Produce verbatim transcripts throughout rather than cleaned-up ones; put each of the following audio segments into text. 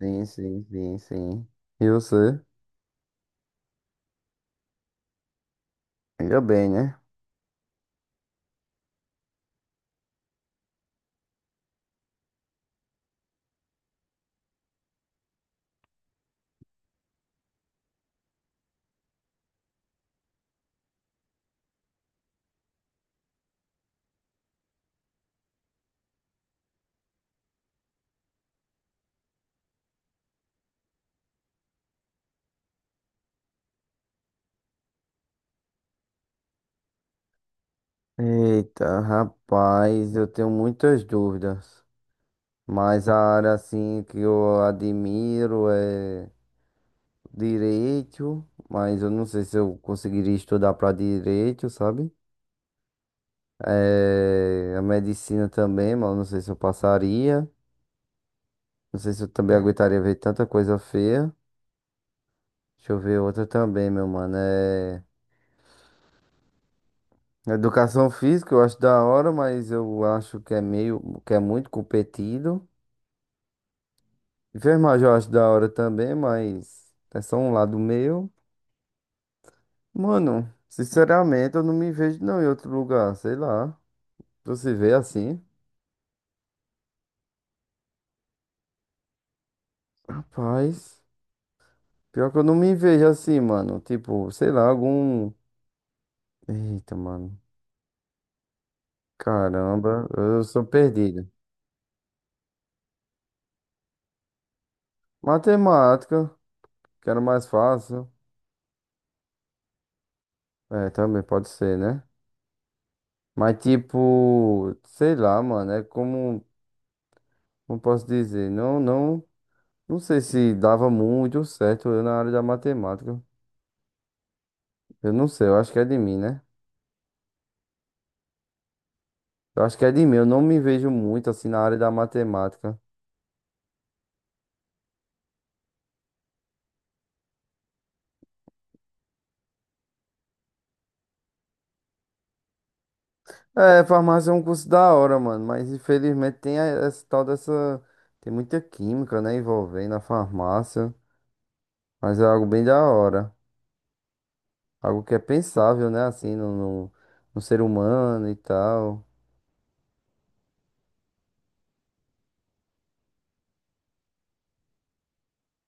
Sim, sim, sim, sim. E você? Ainda bem, né? Eita, rapaz, eu tenho muitas dúvidas. Mas a área assim que eu admiro é direito, mas eu não sei se eu conseguiria estudar para direito, sabe? É, a medicina também, mas eu não sei se eu passaria. Não sei se eu também aguentaria ver tanta coisa feia. Deixa eu ver outra também, meu mano. É, educação física eu acho da hora, mas eu acho que é meio, que é muito competido. Enfermagem eu acho da hora também, mas é só um lado meu. Mano, sinceramente eu não me vejo não em outro lugar, sei lá. Tu se vê assim? Rapaz, pior que eu não me vejo assim, mano. Tipo, sei lá, algum... Eita, mano. Caramba, eu sou perdido. Matemática, que era mais fácil. É, também pode ser, né? Mas tipo, sei lá, mano, é como, como posso dizer, não, não, não sei se dava muito certo eu na área da matemática. Eu não sei, eu acho que é de mim, né? Eu acho que é de mim, eu não me vejo muito assim na área da matemática. É, farmácia é um curso da hora, mano, mas infelizmente tem a- essa tal dessa, tem muita química, né, envolvendo a farmácia, mas é algo bem da hora, algo que é pensável, né, assim, no, no, no ser humano e tal.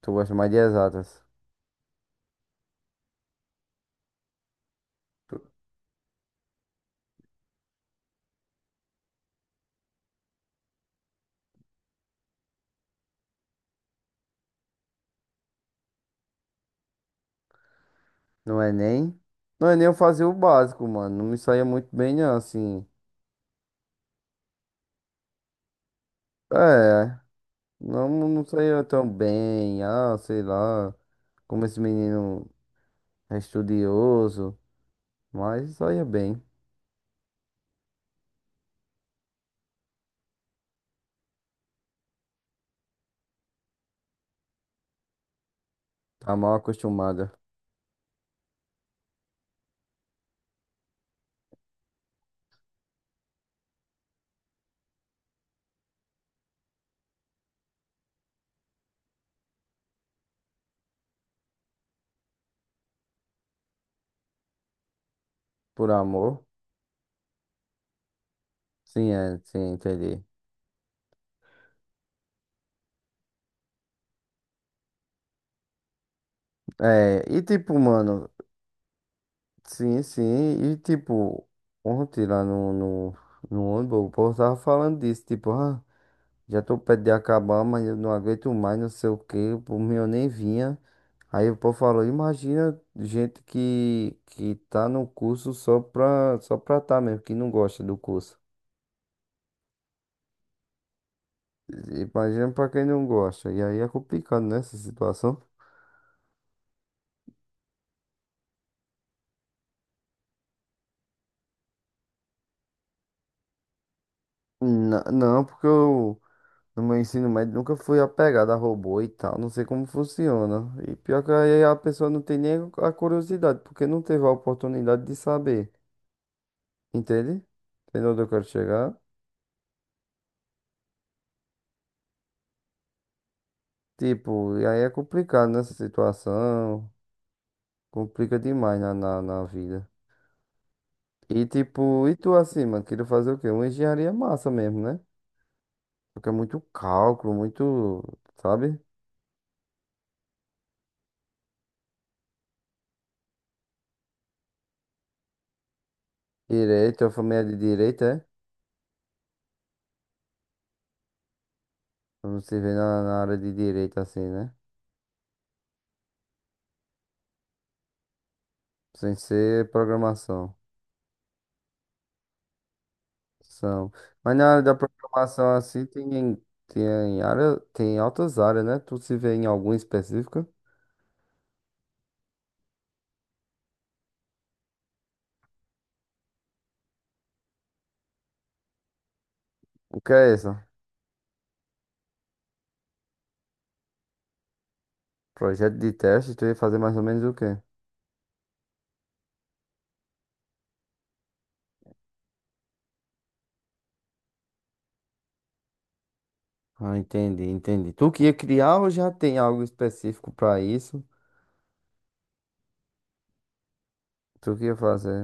Tu gosta mais de exatas. No Enem. No Enem eu fazia o básico, mano. Não me saía muito bem, não, assim. É, não, não saía tão bem, ah, sei lá. Como esse menino é estudioso. Mas saía bem. Tá mal acostumada. Por amor. Sim, é, sim, entendi. É, e tipo, mano. Sim, sim. E tipo, ontem lá no, no, no ônibus, o povo tava falando disso. Tipo, ah, já tô perto de acabar, mas eu não aguento mais, não sei o quê. Por mim eu nem vinha. Aí o povo falou, imagina gente que, que tá no curso só pra, só pra tá mesmo, que não gosta do curso. Imagina pra quem não gosta. E aí é complicado, né, essa situação. Na- Não, porque eu no meu ensino médio nunca fui apegado a robô e tal, não sei como funciona. E pior que aí a pessoa não tem nem a curiosidade, porque não teve a oportunidade de saber, entende? Entendeu onde eu quero chegar? Tipo, e aí é complicado nessa situação. Complica demais na, na, na vida. E tipo, e tu assim, mano, queria fazer o quê? Uma engenharia massa mesmo, né? Porque é muito cálculo, muito, sabe? Direito, a família de direito, é? Não se vê na, na área de direito assim, né? Sem ser programação. São. Mas na área da programação assim tem, tem área, tem altas áreas, né? Tu se vê em alguma específica? O que é isso? Projeto de teste, tu ia fazer mais ou menos o quê? Ah, entendi, entendi. Tu que ia criar ou já tem algo específico pra isso? Tu que ia fazer?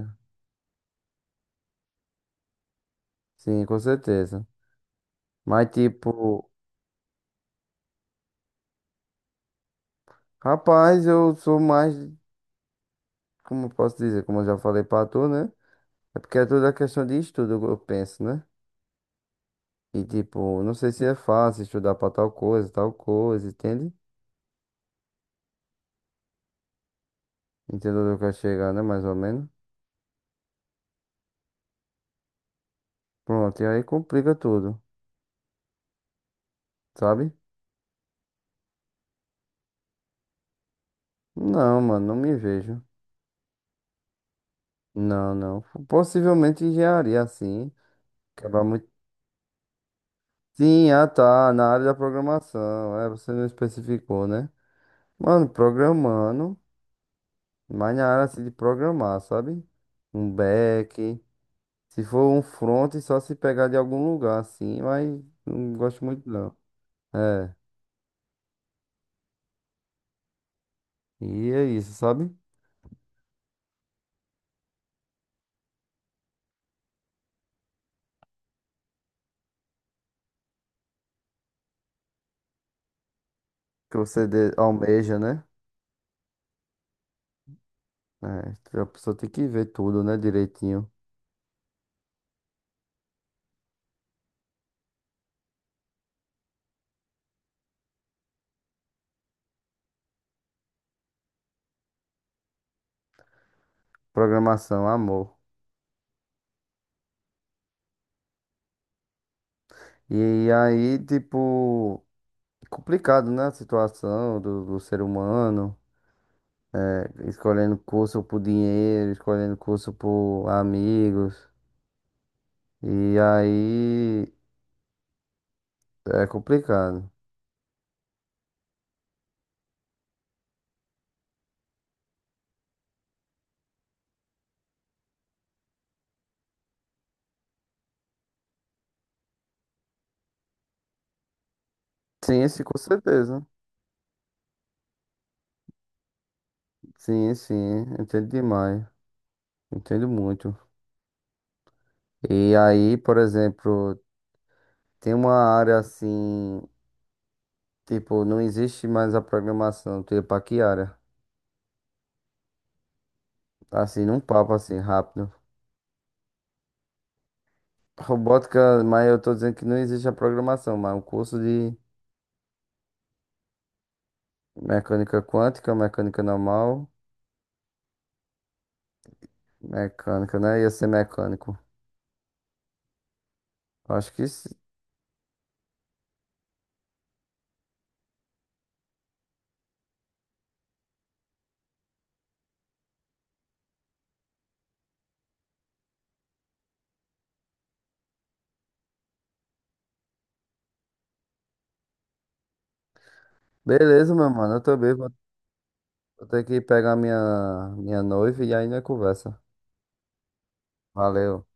Sim, com certeza. Mas tipo, rapaz, eu sou mais, como eu posso dizer, como eu já falei pra tu, né? É porque é tudo a questão de estudo, eu penso, né? E tipo, não sei se é fácil estudar pra tal coisa, tal coisa, entende? Entendeu onde eu quero chegar, né? Mais ou menos. Pronto, e aí complica tudo, sabe? Não, mano, não me vejo. Não, não. Possivelmente engenharia, assim. Quebrar. Sim, ah tá, na área da programação. É, você não especificou, né? Mano, programando, mas na área assim de programar, sabe? Um back. Se for um front, só se pegar de algum lugar, assim, mas não gosto muito não. É, e é isso, sabe? Que você de- almeja, né? É, a pessoa tem que ver tudo, né, direitinho. Programação, amor. E aí, tipo, complicado, né? A situação do do ser humano. Escolhendo curso por dinheiro, escolhendo curso por amigos. E aí é complicado. Sim, sim, com certeza. Sim, sim, entendo demais. Entendo muito. E aí, por exemplo, tem uma área assim, tipo, não existe mais a programação. Tu ia pra que área? Assim, num papo assim, rápido. Robótica, mas eu tô dizendo que não existe a programação, mas um curso de mecânica quântica, mecânica normal. Mecânico, né? Ia ser mecânico. Acho que sim. Beleza, meu mano. Eu também vou vou ter que pegar minha, minha noiva e aí ainda conversa. Valeu.